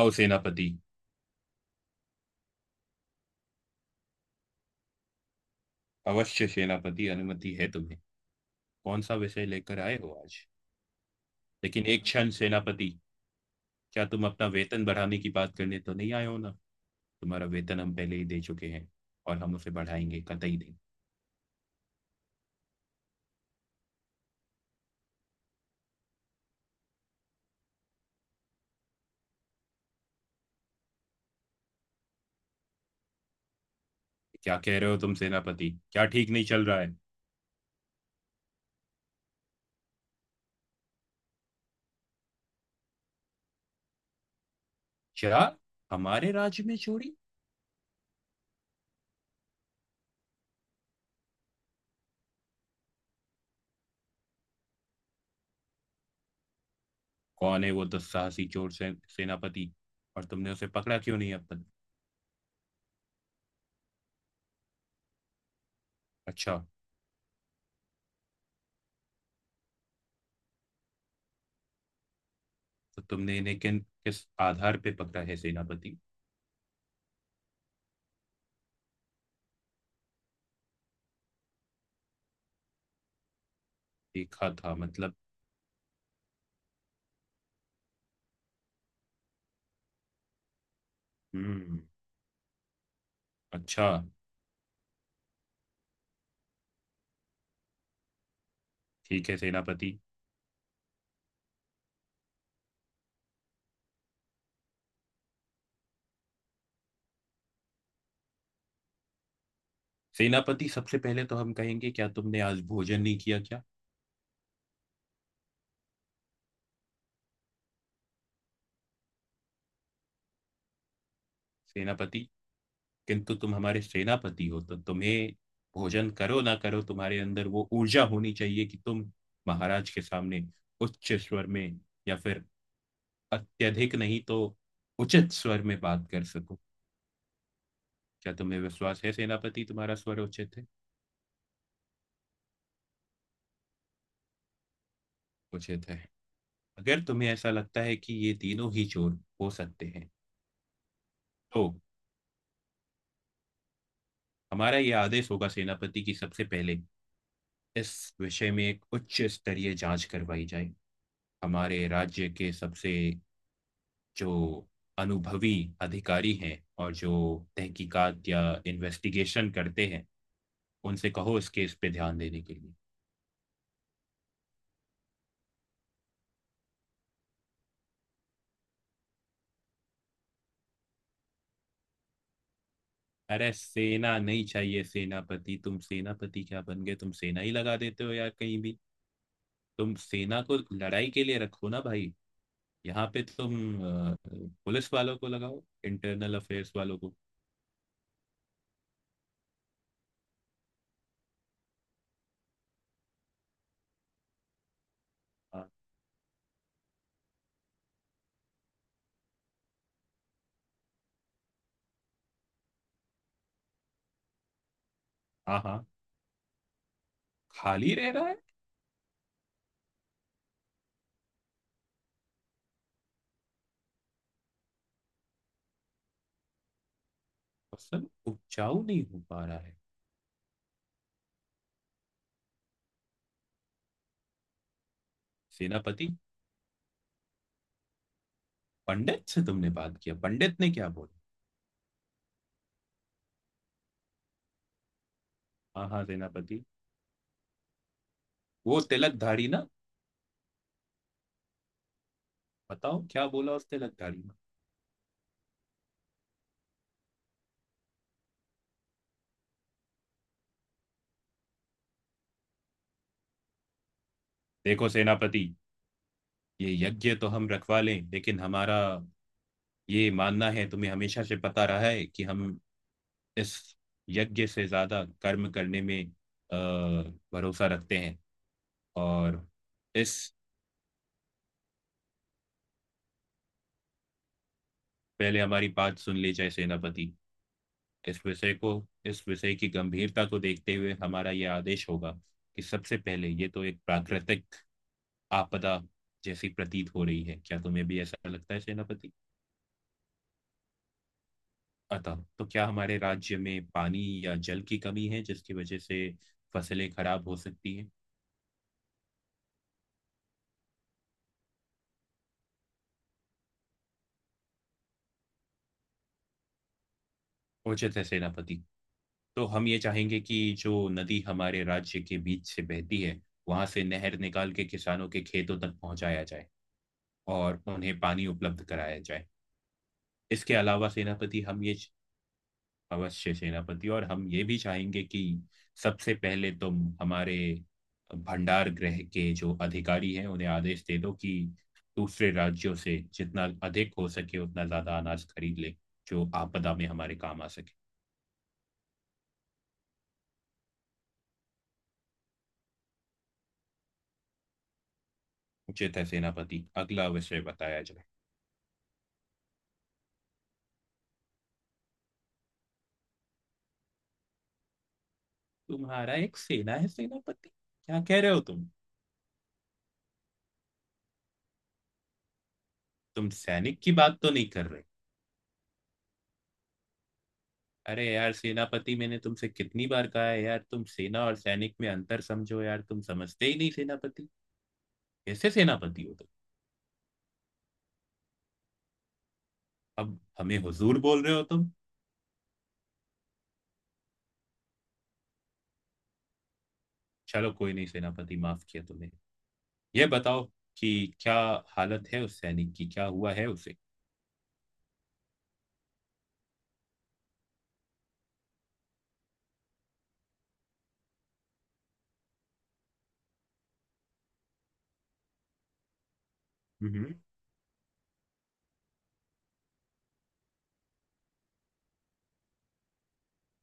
आओ सेनापति। अवश्य सेनापति, अनुमति है तुम्हें। कौन सा विषय लेकर आए हो आज। लेकिन एक क्षण सेनापति, क्या तुम अपना वेतन बढ़ाने की बात करने तो नहीं आए हो ना। तुम्हारा वेतन हम पहले ही दे चुके हैं, और हम उसे बढ़ाएंगे कतई नहीं। क्या कह रहे हो तुम सेनापति, क्या ठीक नहीं चल रहा है। क्या हमारे राज्य में चोरी। कौन है वो दुस्साहसी चोर से, सेनापति। और तुमने उसे पकड़ा क्यों नहीं अब तक। अच्छा, तो तुमने इन्हें किन किस आधार पे पकड़ा है सेनापति। देखा था मतलब। हम्म, अच्छा। ठीक है सेनापति। सेनापति सबसे पहले तो हम कहेंगे, क्या तुमने आज भोजन नहीं किया क्या। सेनापति, किंतु तुम हमारे सेनापति हो तो तुम्हें भोजन करो ना करो तुम्हारे अंदर वो ऊर्जा होनी चाहिए कि तुम महाराज के सामने उच्च स्वर में, या फिर अत्यधिक नहीं तो उचित स्वर में बात कर सको। क्या तुम्हें विश्वास है सेनापति तुम्हारा स्वर उचित है। उचित है। अगर तुम्हें ऐसा लगता है कि ये तीनों ही चोर हो सकते हैं, तो हमारा ये आदेश होगा सेनापति की सबसे पहले इस विषय में एक उच्च स्तरीय जांच करवाई जाए। हमारे राज्य के सबसे जो अनुभवी अधिकारी हैं और जो तहकीकात या इन्वेस्टिगेशन करते हैं, उनसे कहो इस केस पे ध्यान देने के लिए। अरे सेना नहीं चाहिए सेनापति, तुम सेनापति क्या बन गए तुम सेना ही लगा देते हो यार कहीं भी। तुम सेना को लड़ाई के लिए रखो ना भाई। यहाँ पे तुम अ, पुलिस वालों को लगाओ, इंटरनल अफेयर्स वालों को। हाँ। हाँ, हाँ, खाली रह रहा है। फसल उपजाऊ नहीं हो पा रहा है। सेनापति, पंडित से तुमने बात किया, पंडित ने क्या बोला। हाँ हाँ सेनापति। वो तिलकधारी ना। बताओ क्या बोला उस तिलकधारी ने। देखो सेनापति, ये यज्ञ तो हम रखवा लें लेकिन हमारा ये मानना है, तुम्हें हमेशा से पता रहा है कि हम इस यज्ञ से ज्यादा कर्म करने में भरोसा रखते हैं। और इस, पहले हमारी बात सुन ली जाए सेनापति। इस विषय को, इस विषय की गंभीरता को देखते हुए हमारा यह आदेश होगा कि सबसे पहले ये तो एक प्राकृतिक आपदा जैसी प्रतीत हो रही है, क्या तुम्हें भी ऐसा लगता है सेनापति। अतः तो क्या हमारे राज्य में पानी या जल की कमी है जिसकी वजह से फसलें खराब हो सकती हैं। उचित है सेनापति। तो हम ये चाहेंगे कि जो नदी हमारे राज्य के बीच से बहती है, वहां से नहर निकाल के किसानों के खेतों तक पहुंचाया जाए, और उन्हें पानी उपलब्ध कराया जाए। इसके अलावा सेनापति हम ये, अवश्य सेनापति, और हम ये भी चाहेंगे कि सबसे पहले तुम हमारे भंडार गृह के जो अधिकारी हैं उन्हें आदेश दे दो कि दूसरे राज्यों से जितना अधिक हो सके उतना ज्यादा अनाज खरीद ले, जो आपदा में हमारे काम आ सके। उचित है सेनापति, अगला विषय बताया जाए। तुम्हारा एक सेना है सेनापति, क्या कह रहे हो तुम। तुम सैनिक की बात तो नहीं कर रहे। अरे यार सेनापति, मैंने तुमसे कितनी बार कहा है यार तुम सेना और सैनिक में अंतर समझो यार, तुम समझते ही नहीं सेनापति। कैसे सेनापति हो तुम। अब हमें हुजूर बोल रहे हो तुम। चलो कोई नहीं सेनापति, माफ किया तुम्हें। यह बताओ कि क्या हालत है उस सैनिक की, क्या हुआ है उसे। हम्म,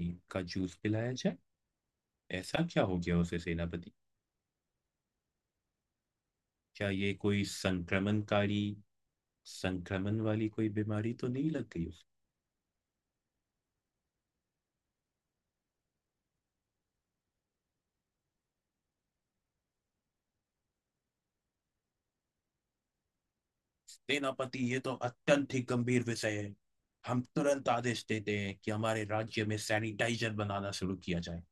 नीम का जूस पिलाया जाए। ऐसा क्या हो गया उसे सेनापति। क्या ये कोई संक्रमणकारी, संक्रमण वाली कोई बीमारी तो नहीं लग गई उसे। सेनापति ये तो अत्यंत ही गंभीर विषय है। हम तुरंत आदेश देते हैं कि हमारे राज्य में सैनिटाइजर बनाना शुरू किया जाए।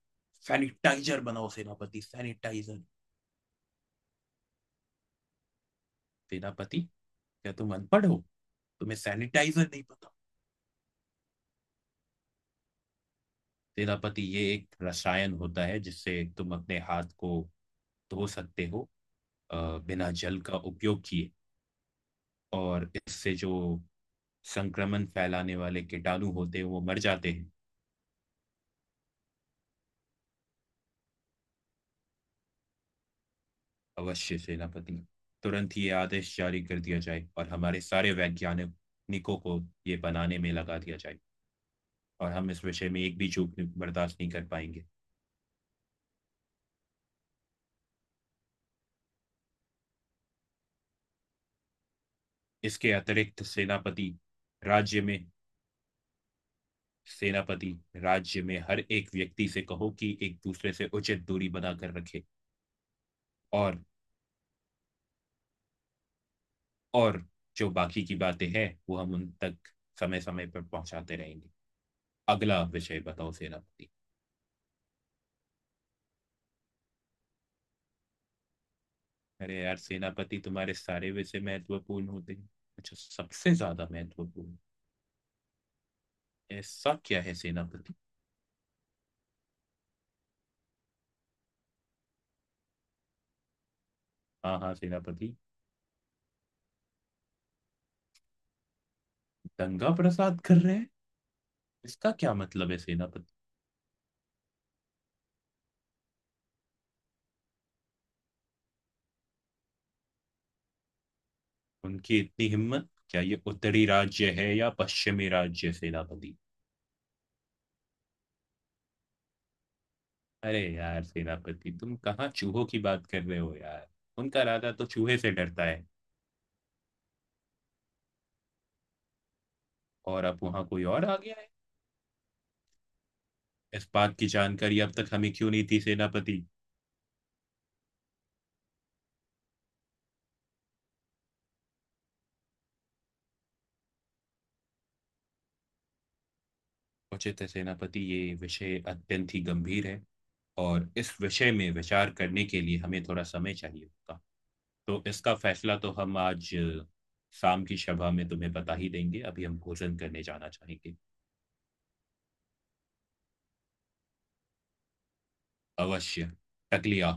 सैनिटाइजर बनाओ सेनापति, सैनिटाइजर। सेनापति, क्या तुम अनपढ़ हो, तुम्हें सैनिटाइजर नहीं पता। सेनापति ये एक रसायन होता है जिससे तुम अपने हाथ को धो सकते हो, अ, बिना जल का उपयोग किए, और इससे जो संक्रमण फैलाने वाले कीटाणु होते हैं वो मर जाते हैं। अवश्य सेनापति, तुरंत ये आदेश जारी कर दिया जाए और हमारे सारे वैज्ञानिकों को ये बनाने में लगा दिया जाए, और हम इस विषय में एक भी चूक बर्दाश्त नहीं कर पाएंगे। इसके अतिरिक्त सेनापति, राज्य में, सेनापति राज्य में हर एक व्यक्ति से कहो कि एक दूसरे से उचित दूरी बनाकर रखे। और और जो बाकी की बातें हैं वो हम उन तक समय समय पर पहुंचाते रहेंगे। अगला विषय बताओ सेनापति। अरे यार सेनापति, तुम्हारे सारे विषय महत्वपूर्ण होते हैं। अच्छा, सबसे ज्यादा महत्वपूर्ण। ऐसा क्या है सेनापति। हाँ हाँ सेनापति, दंगा प्रसाद कर रहे हैं। इसका क्या मतलब है सेनापति। उनकी इतनी हिम्मत, क्या ये उत्तरी राज्य है या पश्चिमी राज्य सेनापति। अरे यार सेनापति, तुम कहाँ चूहों की बात कर रहे हो यार। उनका राजा तो चूहे से डरता है। और अब वहां कोई और आ गया है। इस बात की जानकारी अब तक हमें क्यों नहीं थी सेनापति। उचित है सेनापति, ये विषय अत्यंत ही गंभीर है, और इस विषय में विचार करने के लिए हमें थोड़ा समय चाहिए होगा। तो इसका फैसला तो हम आज शाम की सभा में तुम्हें बता ही देंगे। अभी हम भोजन करने जाना चाहेंगे। अवश्य। टकलिया।